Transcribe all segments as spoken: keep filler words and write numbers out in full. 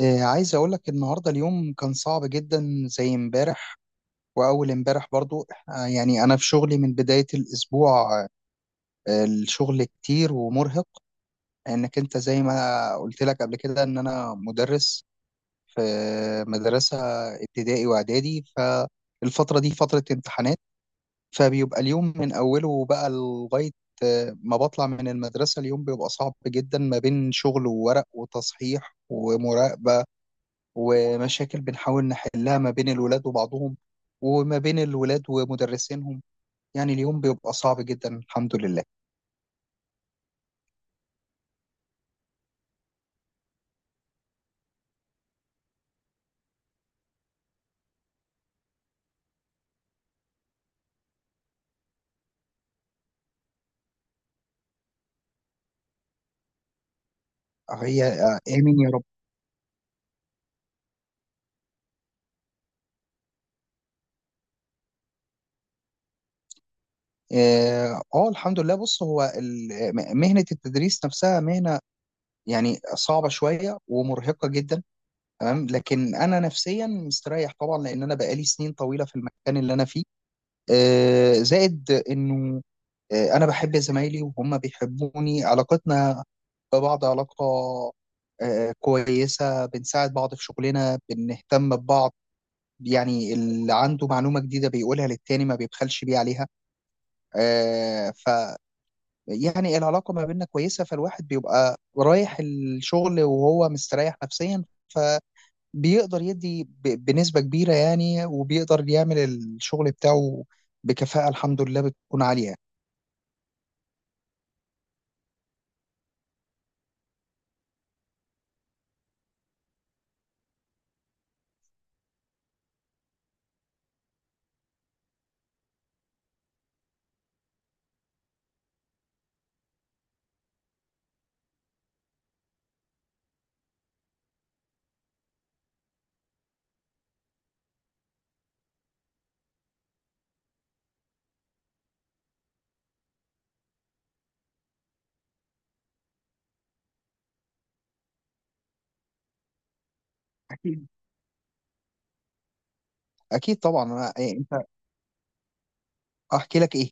آه، عايز اقول لك النهارده اليوم كان صعب جدا زي امبارح، واول امبارح برضو. آه، يعني انا في شغلي من بداية الاسبوع. آه، الشغل كتير ومرهق، انك انت زي ما قلت لك قبل كده ان انا مدرس في مدرسة ابتدائي واعدادي. فالفترة دي فترة امتحانات، فبيبقى اليوم من اوله بقى لغاية آه، ما بطلع من المدرسة. اليوم بيبقى صعب جدا ما بين شغل وورق وتصحيح ومراقبة، ومشاكل بنحاول نحلها ما بين الولاد وبعضهم، وما بين الولاد ومدرسينهم. يعني اليوم بيبقى صعب جدا، الحمد لله. هي آه، آمين يا رب. اه آه، الحمد لله. بص هو ال- م- مهنة التدريس نفسها مهنة يعني صعبة شوية ومرهقة جدا، تمام. لكن أنا نفسيا مستريح طبعا، لأن أنا بقالي سنين طويلة في المكان اللي أنا فيه. آه زائد إنه آه، انا بحب زمايلي وهم بيحبوني، علاقتنا ببعض علاقة آه، كويسة، بنساعد بعض في شغلنا، بنهتم ببعض. يعني اللي عنده معلومة جديدة بيقولها للتاني، ما بيبخلش بيه عليها. آه، ف يعني العلاقة ما بيننا كويسة، فالواحد بيبقى رايح الشغل وهو مستريح نفسيا، فبيقدر يدي ب- بنسبة كبيرة يعني، وبيقدر يعمل الشغل بتاعه بكفاءة، الحمد لله، بتكون عالية. أكيد. أكيد طبعا، أنا- احكي لك ايه؟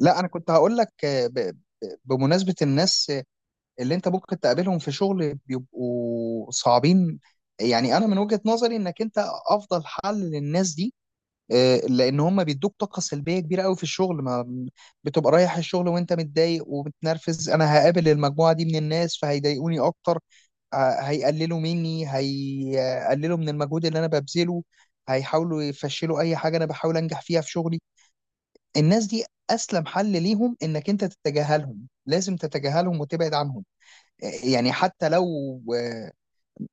لا، انا كنت هقول لك آه، ب- ب- بمناسبة الناس اللي انت ممكن تقابلهم في شغل بيبقوا صعبين. يعني انا من وجهة نظري انك انت افضل حل للناس دي، آه، لان هم بيدوك طاقة سلبية كبيرة قوي في الشغل. ما بتبقى رايح الشغل وانت متضايق ومتنرفز، انا هقابل المجموعة دي من الناس فهيضايقوني اكتر. آه، هيقللوا مني، هيقللوا من المجهود اللي انا ببذله، هيحاولوا يفشلوا اي حاجة انا بحاول انجح فيها في شغلي. الناس دي اسلم حل ليهم انك انت تتجاهلهم، لازم تتجاهلهم وتبعد عنهم. يعني حتى لو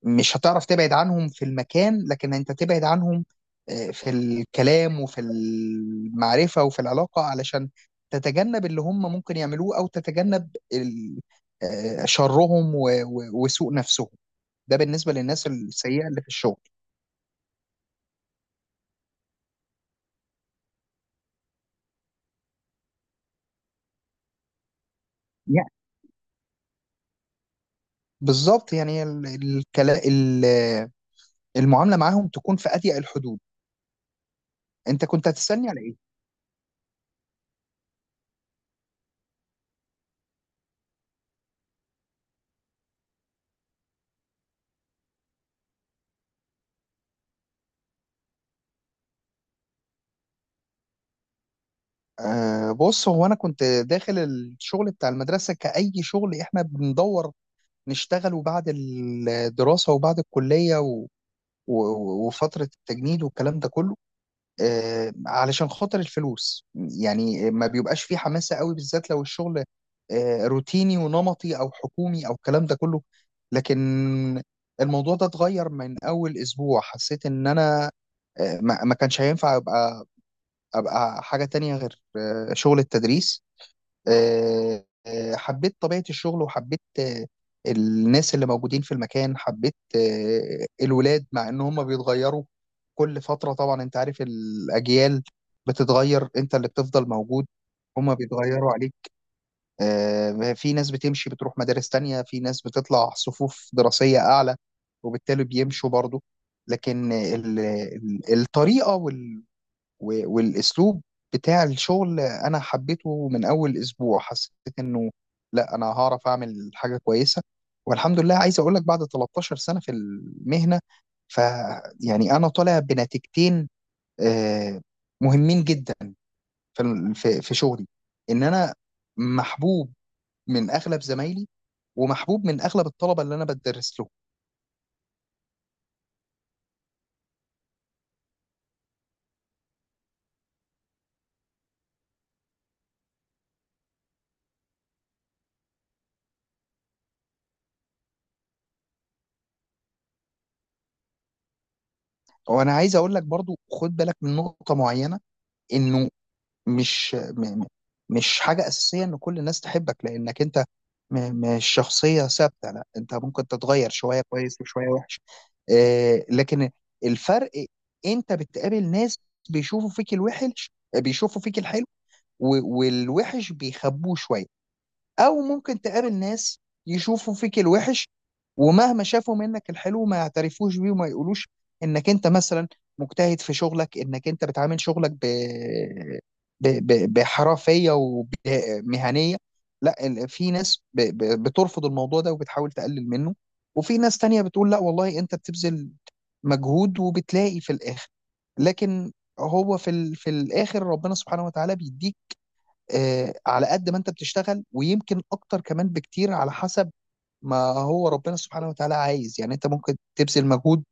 مش هتعرف تبعد عنهم في المكان، لكن انت تبعد عنهم آه، في الكلام وفي المعرفة وفي العلاقة، علشان تتجنب اللي هم ممكن يعملوه، او تتجنب ال- آه، شرهم و- و- وسوء نفسهم. ده بالنسبة للناس السيئة اللي في الشغل. يعني بالظبط، يعني ال- الكلا- ال- المعاملة معاهم تكون في أضيق الحدود. انت كنت هتستني على ايه؟ آه بص هو انا كنت داخل الشغل بتاع المدرسه كأي شغل احنا بندور نشتغله بعد الدراسه وبعد الكليه و... و... وفتره التجنيد والكلام ده كله، آه علشان خاطر الفلوس. يعني ما بيبقاش فيه حماسه قوي، بالذات لو الشغل آه روتيني ونمطي او حكومي او الكلام ده كله. لكن الموضوع ده اتغير من اول اسبوع، حسيت ان انا آه، ما ما كانش هينفع ابقى ابقى حاجه تانية غير آه، شغل التدريس. آه، آه، حبيت طبيعه الشغل، وحبيت آه، الناس اللي موجودين في المكان، حبيت آه، الولاد، مع ان هم بيتغيروا كل فتره. طبعا انت عارف، الاجيال بتتغير، انت اللي بتفضل موجود، هم بيتغيروا عليك. آه، في ناس بتمشي بتروح مدارس تانية، في ناس بتطلع صفوف دراسيه اعلى وبالتالي بيمشوا برضه. لكن ال- ال- الطريقه و- والاسلوب بتاع الشغل انا حبيته من اول اسبوع، حسيت انه لا، انا هعرف اعمل حاجه كويسه. والحمد لله، عايز اقول لك بعد تلتاشر سنة سنه في المهنه، ف يعني انا طالع بنتيجتين آه، مهمين جدا في في في شغلي: ان انا محبوب من اغلب زمايلي، ومحبوب من اغلب الطلبه اللي انا بدرس لهم. وانا عايز اقول لك برضو، خد بالك من نقطه معينه، انه مش م- م- مش حاجة أساسية إن كل الناس تحبك، لأنك أنت م- مش شخصية ثابتة، لا، أنت ممكن تتغير شوية كويس وشوية وحش. آه، لكن الفرق، أنت بتقابل ناس بيشوفوا فيك الوحش، بيشوفوا فيك الحلو و- والوحش بيخبوه شوية، او ممكن تقابل ناس يشوفوا فيك الوحش، ومهما شافوا منك الحلو ما يعترفوش بيه وما يقولوش انك انت مثلا مجتهد في شغلك، انك انت بتعامل شغلك ب... ب... ب... بحرفية ومهنية. لا، ال- في ناس ب... ب... بترفض الموضوع ده وبتحاول تقلل منه، وفي ناس تانية بتقول لا والله انت بتبذل مجهود، وبتلاقي في الاخر. لكن هو في ال... في الاخر ربنا سبحانه وتعالى بيديك آه، على قد ما انت بتشتغل، ويمكن اكتر كمان بكتير على حسب ما هو ربنا سبحانه وتعالى عايز. يعني انت ممكن تبذل مجهود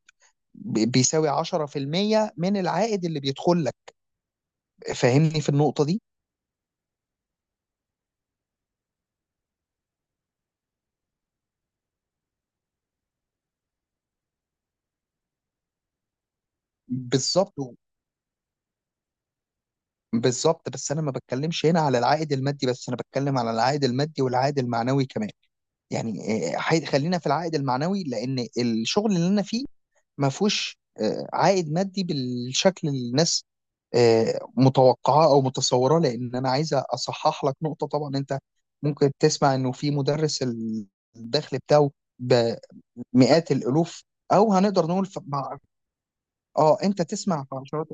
ب- بيساوي عشرة في المية من العائد اللي بيدخل لك. فاهمني في النقطة دي؟ بالظبط. بالظبط، بس انا ما بتكلمش هنا على العائد المادي بس، انا بتكلم على العائد المادي والعائد المعنوي كمان. يعني آه، حي- خلينا في العائد المعنوي، لان الشغل اللي انا فيه ما فيهوش آه، عائد مادي بالشكل اللي الناس آه، متوقعاه او متصوراه. لان انا عايز اصحح لك نقطه. طبعا انت ممكن تسمع انه في مدرس ال- الدخل بتاعه بمئات الالوف، او هنقدر نقول ف- مع- اه انت تسمع في عشرات،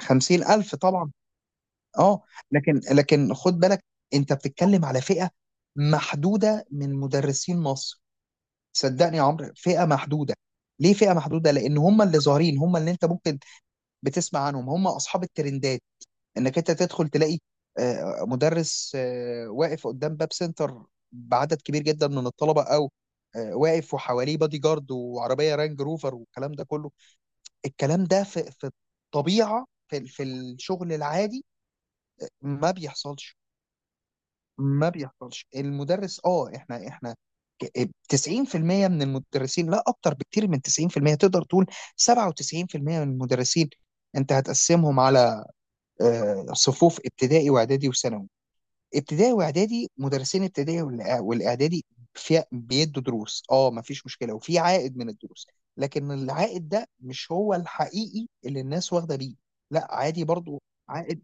خمسين الف طبعا. اه لكن لكن خد بالك، انت بتتكلم على فئه محدوده من مدرسين مصر. صدقني يا عمرو، فئه محدوده. ليه فئه محدوده؟ لان هم اللي ظاهرين، هم اللي انت ممكن بتسمع عنهم، هم اصحاب الترندات، انك انت تدخل تلاقي آه، مدرس آه، واقف قدام باب سنتر بعدد كبير جدا من الطلبه، او آه، واقف وحواليه بادي جارد وعربيه رانج روفر والكلام ده كله. الكلام ده في في الطبيعه، في في الشغل العادي، ما بيحصلش. ما بيحصلش. المدرس، اه احنا احنا ك- تسعين بالمية من المدرسين، لا، اكتر بكتير من تسعين في المية، تقدر تقول سبعة وتسعين في المية من المدرسين، انت هتقسمهم على آه، صفوف ابتدائي واعدادي وثانوي. ابتدائي واعدادي، مدرسين ابتدائي والإع- والاعدادي في بيدوا دروس، اه ما فيش مشكله، وفي عائد من الدروس. لكن العائد ده مش هو الحقيقي اللي الناس واخده بيه، لا، عادي برضو عائد.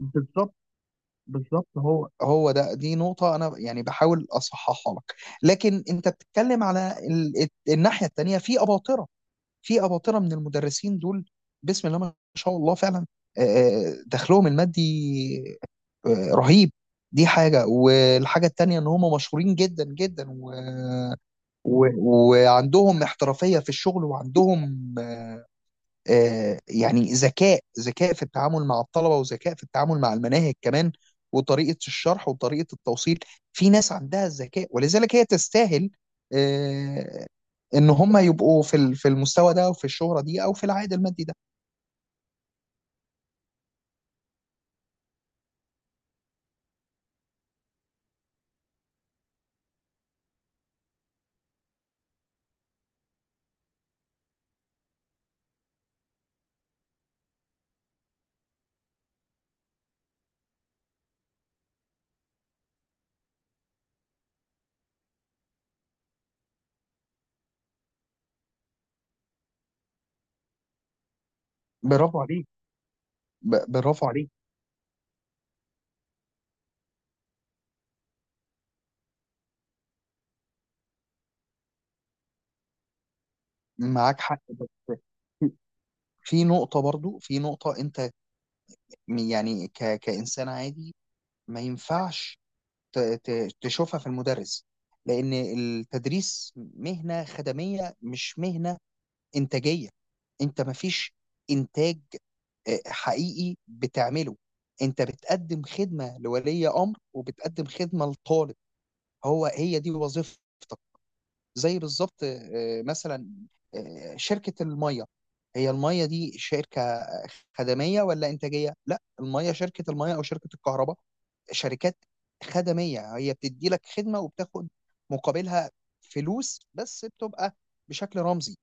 بالظبط. بالظبط، هو هو ده، دي نقطة أنا يعني بحاول أصححها لك. لكن أنت بتتكلم على ال- الناحية التانية، في أباطرة، في أباطرة من المدرسين دول، بسم الله ما شاء الله فعلا. آه، آه، دخلهم المادي آه، رهيب. دي حاجة، والحاجة التانية ان هم مشهورين جدا جدا، و... و... وعندهم احترافية في الشغل، وعندهم آه، يعني ذكاء ذكاء في التعامل مع الطلبة، وذكاء في التعامل مع المناهج كمان، وطريقة الشرح وطريقة التوصيل. في ناس عندها الذكاء، ولذلك هي تستاهل آه، ان هم يبقوا في ال- في المستوى ده، او في الشهرة دي، او في العائد المادي ده. برافو عليك. ب- برافو عليك. معاك حق، بس في نقطة برضو، في نقطة أنت يعني ك... كإنسان عادي ما ينفعش ت... ت... تشوفها في المدرس، لأن التدريس مهنة خدمية مش مهنة إنتاجية. أنت ما فيش إنتاج آه، حقيقي بتعمله، أنت بتقدم خدمة لولي أمر، وبتقدم خدمة لطالب، هو هي دي وظيفتك. زي بالظبط آه، مثلا آه، شركة المية، هي المية دي شركة خدمية ولا إنتاجية؟ لا، المية، شركة المية أو شركة الكهرباء، شركات خدمية، هي بتدي لك خدمة وبتاخد مقابلها فلوس بس بتبقى بشكل رمزي.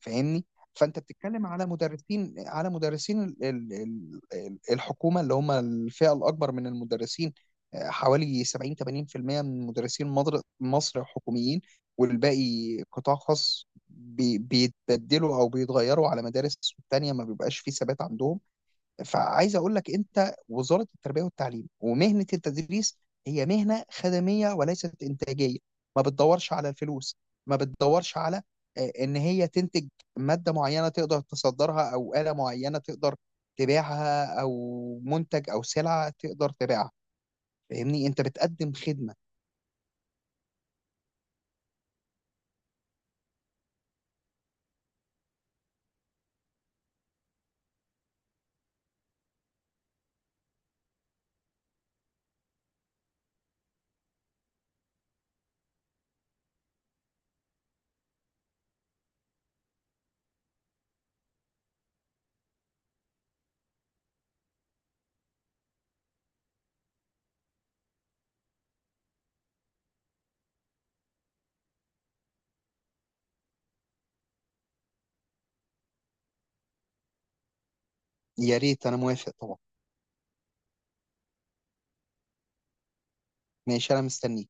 فاهمني؟ فانت بتتكلم على مدرسين، على مدرسين ال- ال- ال- ال- الحكومه اللي هم الفئه الاكبر من المدرسين، آه، حوالي سبعين ثمانين في المية من مدرسين مدر- مصر حكوميين، والباقي قطاع خاص بي- بيتبدلوا او بيتغيروا على مدارس تانية، ما بيبقاش فيه ثبات عندهم. فعايز اقول لك، انت وزاره التربيه والتعليم ومهنه التدريس هي مهنه خدميه وليست انتاجيه، ما بتدورش على الفلوس، ما بتدورش على آه، ان هي تنتج ماده معينه تقدر تصدرها، او اله معينه تقدر تبيعها، او منتج او سلعه تقدر تبيعها. فاهمني، انت بتقدم خدمه. يا ريت، انا موافق طبعا. ماشي، انا مستني.